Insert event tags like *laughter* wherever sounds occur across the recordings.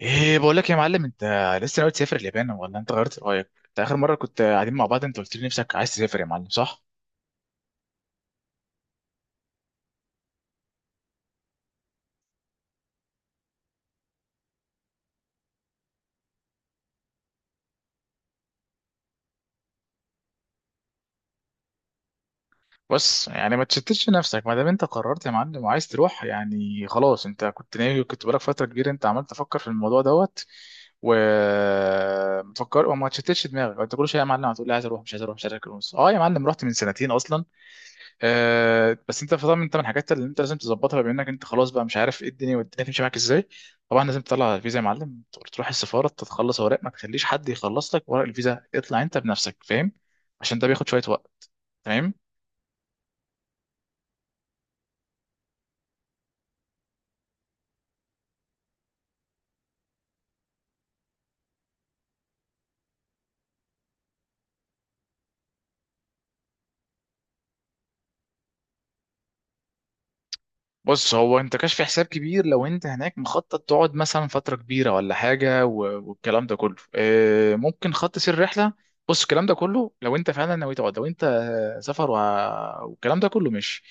ايه بقول لك يا معلم، انت لسه ناوي تسافر اليابان ولا انت غيرت رايك؟ انت اخر مره كنت قاعدين مع بعض، انت قلت لي نفسك عايز تسافر يا معلم صح؟ بص يعني ما تشتتش نفسك ما دام انت قررت يا معلم وعايز تروح، يعني خلاص انت كنت ناوي، كنت بقالك فتره كبيره انت عمال تفكر في الموضوع دوت ومتفكر، وما تشتتش دماغك. انت كل شويه يا معلم هتقول لي عايز اروح مش عايز اروح مش عايز اروح. اه يا معلم، رحت من سنتين اصلا. بس انت طبعا، انت من الحاجات اللي انت لازم تظبطها بما انك انت خلاص بقى مش عارف ايه الدنيا والدنيا تمشي معاك ازاي. طبعا لازم تطلع الفيزا يا معلم، تروح السفاره تتخلص اوراق، ما تخليش حد يخلص لك ورق الفيزا، اطلع انت بنفسك فاهم؟ عشان ده بياخد شويه وقت. تمام. بص هو انت كشف حساب كبير، لو انت هناك مخطط تقعد مثلا فتره كبيره ولا حاجه، والكلام ده كله ممكن خط سير رحله. بص الكلام ده كله لو انت فعلا ناوي تقعد، لو انت سفر والكلام ده كله مش.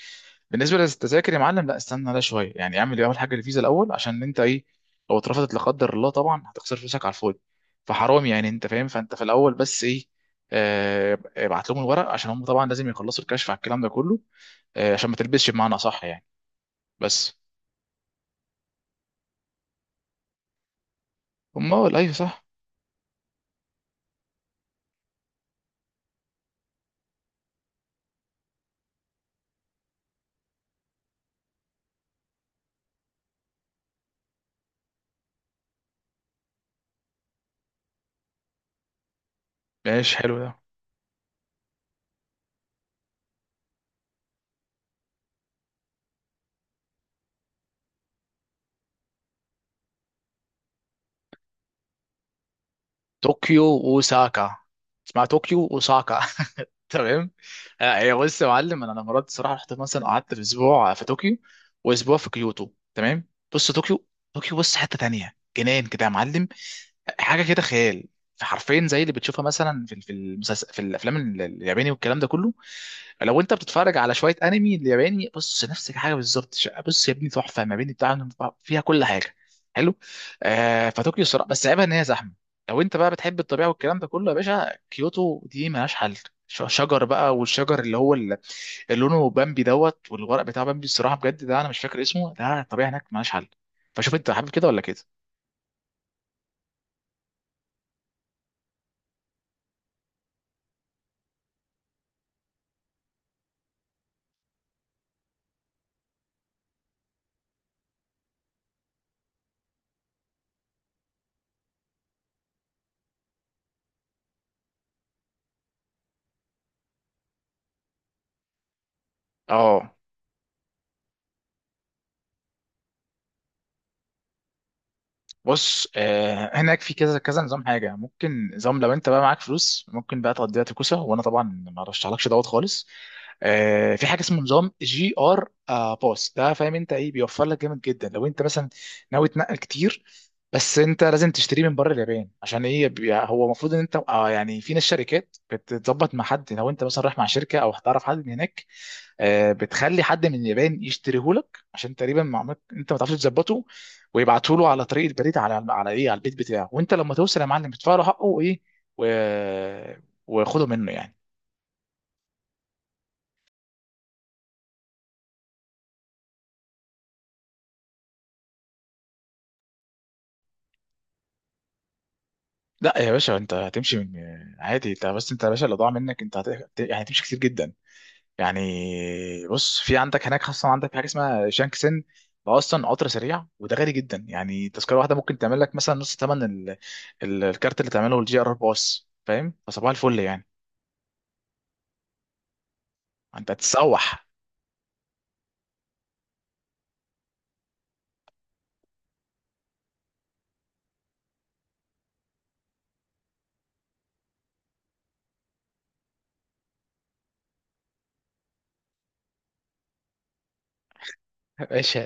بالنسبه للتذاكر يا معلم، لا استنى، لا شويه، يعني اعمل اول حاجه الفيزا الاول عشان انت ايه؟ لو اترفضت لا قدر الله، طبعا هتخسر فلوسك على الفاضي، فحرام يعني، انت فاهم؟ فانت في الاول بس ايه؟ اه، ابعت لهم الورق عشان هم طبعا لازم يخلصوا الكشف على الكلام ده كله. عشان ما تلبسش، بمعنى صح يعني. بس. امال ايوه صح. ماشي حلو ده. طوكيو اوساكا، اسمها طوكيو اوساكا *laughs* تمام. هي بص يا معلم، انا مرات الصراحه رحت مثلا قعدت في اسبوع في طوكيو، واسبوع في كيوتو تمام. بص طوكيو، طوكيو بص حته تانية جنان كده يا معلم، حاجه كده خيال. حرفين زي اللي بتشوفها مثلا في المسلسل، في الافلام الياباني والكلام ده كله. لو انت بتتفرج على شويه انمي الياباني، بص نفس الحاجه بالظبط. بص يا ابني تحفه، ما بين بتاع، فيها كل حاجه. حلو. آه فطوكيو صراحه، بس عيبها ان هي زحمه. لو انت بقى بتحب الطبيعه والكلام ده كله يا باشا، كيوتو دي ملهاش حل. شجر بقى، والشجر اللي هو اللي لونه بامبي دوت، والورق بتاع بامبي، الصراحه بجد ده انا مش فاكر اسمه، ده الطبيعه هناك ملهاش حل. فشوف انت حابب كده ولا كده. اه بص هناك في كذا كذا نظام حاجه، ممكن نظام لو انت بقى معاك فلوس ممكن بقى تقضيها تكوسه، وانا طبعا ما رشحلكش دوت خالص. آه في حاجه اسمه نظام جي ار باس ده، فاهم انت ايه بيوفر لك؟ جامد جدا لو انت مثلا ناوي تنقل كتير. بس انت لازم تشتريه من بره اليابان عشان ايه؟ هو المفروض ان انت يعني في ناس شركات بتظبط مع حد، لو انت مثلا رايح مع شركه او هتعرف حد من هناك، بتخلي حد من اليابان يشتريهولك عشان تقريبا معلومات انت ما تعرفش تظبطه. ويبعته له على طريق البريد، على ايه، على البيت بتاعه. وانت لما توصل يا معلم تدفع له حقه وايه و... وخده منه يعني. لا يا باشا، انت هتمشي من عادي. انت بس انت يا باشا، اللي ضاع منك انت يعني هتمشي كتير جدا يعني. بص في عندك هناك خاصة، عندك حاجة اسمها شانكسن، ده اصلا قطر سريع وده غالي جدا، يعني تذكرة واحدة ممكن تعمل لك مثلا نص ثمن الكارت اللي تعمله الجي ار باص، فاهم؟ فصباح الفل يعني. انت تسوح يا باشا،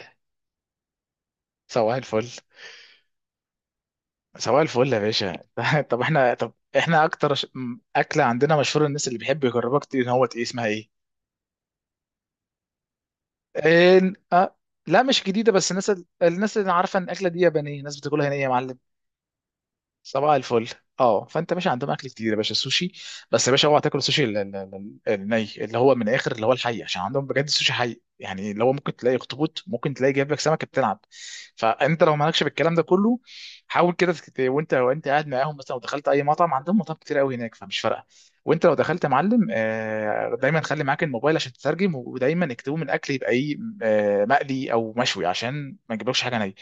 سواح الفل. سواح الفل يا باشا *laughs* طب احنا اكتر اكله عندنا مشهوره الناس اللي بيحب يجربها كتير، ان هو ايه اسمها ايه؟ إن... أه... لا مش جديده، بس الناس الناس اللي عارفه ان الاكله دي يابانيه، الناس بتاكلها هنا إيه يا معلم؟ صباح الفل. اه فانت ماشي عندهم اكل كتير يا باشا السوشي. بس يا باشا اوعى تاكل السوشي الني، اللي هو من الاخر اللي هو الحي، عشان عندهم بجد السوشي حي، يعني اللي هو ممكن تلاقي اخطبوط، ممكن تلاقي جايب لك سمكه بتلعب. فانت لو مالكش بالكلام ده كله، حاول كده وانت قاعد معاهم مثلا. لو دخلت اي مطعم، عندهم مطاعم كتير قوي هناك فمش فارقه. وانت لو دخلت يا معلم دايما خلي معاك الموبايل عشان تترجم، ودايما اكتبوا من الاكل يبقى ايه، مقلي او مشوي عشان ما نجيبلكش حاجه نيه.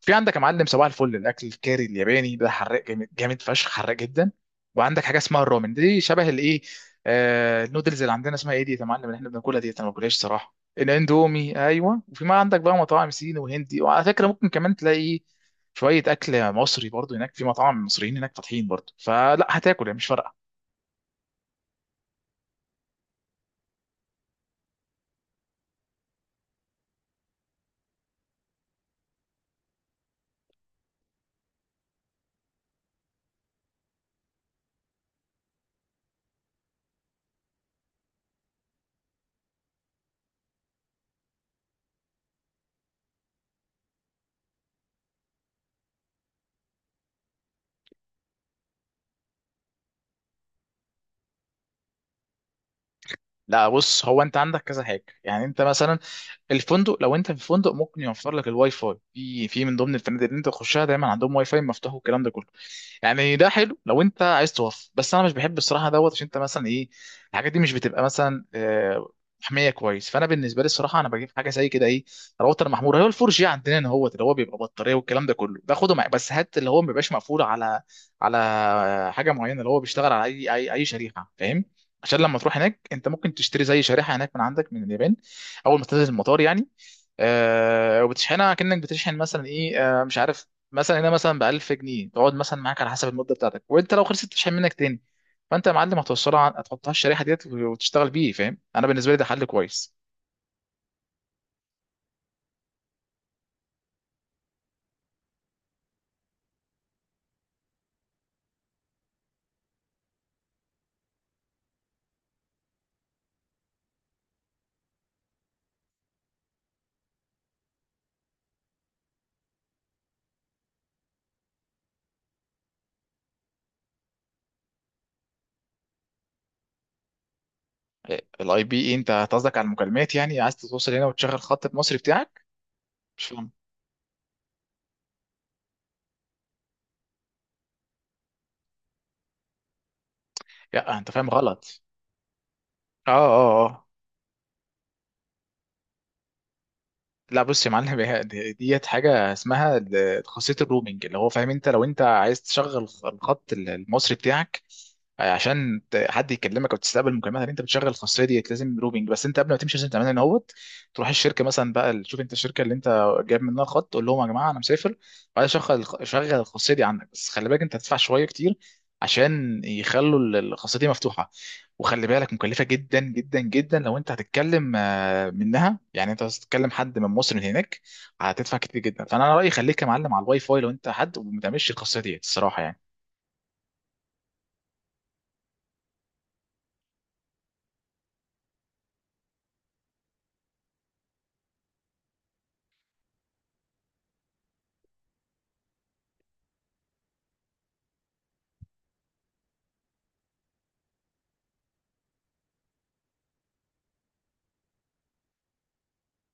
في عندك يا معلم صباح الفل الاكل الكاري الياباني ده حراق جامد جامد فشخ، حراق جدا. وعندك حاجه اسمها الرامن، دي شبه الايه، آه النودلز. اللي عندنا اسمها ايه دي يا معلم اللي احنا بناكلها دي، انا ما باكلهاش صراحه؟ الاندومي ايوه. وفي ما عندك بقى مطاعم صيني وهندي، وعلى فكره ممكن كمان تلاقي شويه اكل مصري برضو هناك، في مطاعم مصريين هناك فاتحين برضو، فلا هتاكل يعني مش فارقه. لا بص هو انت عندك كذا حاجه، يعني انت مثلا الفندق، لو انت في فندق ممكن يوفر لك الواي فاي، في من ضمن الفنادق اللي انت تخشها دايما عندهم واي فاي مفتوح والكلام ده كله. يعني ده حلو لو انت عايز توفر، بس انا مش بحب الصراحه دوت، عشان انت مثلا ايه، الحاجات دي مش بتبقى مثلا محميه كويس. فانا بالنسبه لي الصراحه انا بجيب حاجه زي كده ايه، راوتر محمول. هو الفور جي عندنا هنا، هو اللي هو بيبقى بطاريه والكلام ده كله، باخده معايا. بس هات اللي هو ما بيبقاش مقفول على على حاجه معينه، اللي هو بيشتغل على اي شريحه، فاهم؟ عشان لما تروح هناك انت ممكن تشتري زي شريحه هناك من عندك من اليابان اول ما تنزل المطار يعني. آه وبتشحنها كأنك بتشحن مثلا ايه، آه مش عارف، مثلا هنا مثلا ب 1000 جنيه تقعد مثلا معاك على حسب المده بتاعتك، وانت لو خلصت تشحن منك تاني. فانت يا معلم هتوصلها هتحطها الشريحه ديت وتشتغل بيه، فاهم؟ انا بالنسبه لي ده حل كويس. الاي بي ايه؟ انت قصدك على المكالمات؟ يعني عايز توصل هنا وتشغل خط المصري بتاعك؟ مش فاهم. لا انت فاهم غلط. اه اه آه. لا بص يا معلم، ديت حاجه اسمها خاصيه الرومنج، اللي هو فاهم، انت لو انت عايز تشغل الخط المصري بتاعك عشان حد يكلمك او تستقبل مكالمات، انت بتشغل الخاصيه ديت، لازم روبينج. بس انت قبل ما تمشي لازم تعملها ان هوت، تروح الشركه مثلا بقى، تشوف انت الشركه اللي انت جايب منها خط، تقول لهم يا جماعه انا مسافر وعايز شغل الخاصيه دي عندك. بس خلي بالك انت هتدفع شويه كتير عشان يخلوا الخاصيه دي مفتوحه. وخلي بالك مكلفه جدا جدا جدا، لو انت هتتكلم منها يعني، انت هتتكلم حد من مصر من هناك هتدفع كتير جدا. فانا رايي خليك يا معلم على الواي فاي لو انت حد، وما تعملش القصه ديت الصراحه يعني.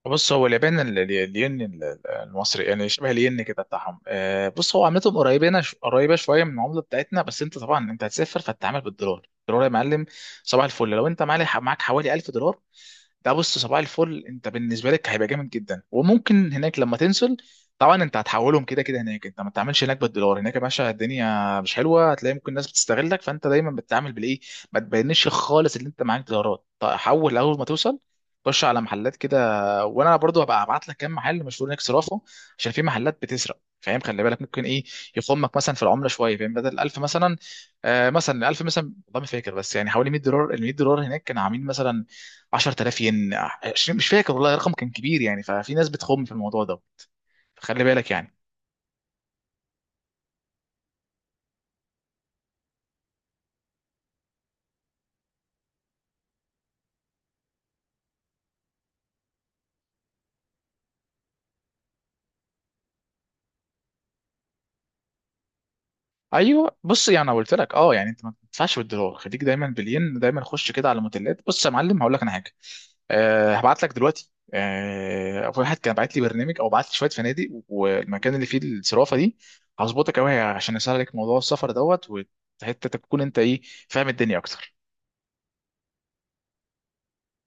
بص هو اليابان الين المصري، يعني شبه الين كده بتاعهم. بص هو عملتهم قريبين، قريبه شويه من العمله بتاعتنا. بس انت طبعا انت هتسافر فتتعامل بالدولار، الدولار يا معلم صباح الفل. لو انت معاك حوالي 1000 دولار، ده بص صباح الفل انت بالنسبه لك هيبقى جامد جدا. وممكن هناك لما تنزل، طبعا انت هتحولهم كده كده هناك. انت ما تعملش هناك بالدولار، هناك يا باشا الدنيا مش حلوه، هتلاقي ممكن الناس بتستغلك. فانت دايما بتتعامل بالايه، ما تبينش خالص ان انت معاك دولارات. طيب حول اول ما توصل، خش على محلات كده، وانا برضو هبقى ابعت لك كام محل مشهور هناك صرافه، عشان في محلات بتسرق فاهم؟ خلي بالك ممكن ايه، يخمك مثلا في العمله شويه فاهم، بدل 1000 مثلا، آه مثلا 1000 مثلا، والله ما فاكر، بس يعني حوالي 100 دولار، ال 100 دولار هناك كانوا عاملين مثلا 10000 ين 20، مش فاكر والله، رقم كان كبير يعني. ففي ناس بتخم في الموضوع ده، فخلي بالك يعني. ايوه بص، يعني انا قلت لك اه يعني انت ما تدفعش بالدولار، خليك دايما بالين، دايما خش كده على الموديلات. بص يا معلم هقول لك انا حاجه. أه هبعت لك دلوقتي، أه واحد كان بعت لي برنامج او بعت لي شويه فنادق والمكان اللي فيه الصرافه دي، هظبطك قوي عشان اسهل لك موضوع السفر دوت، وحتى تكون انت ايه، فاهم الدنيا اكتر.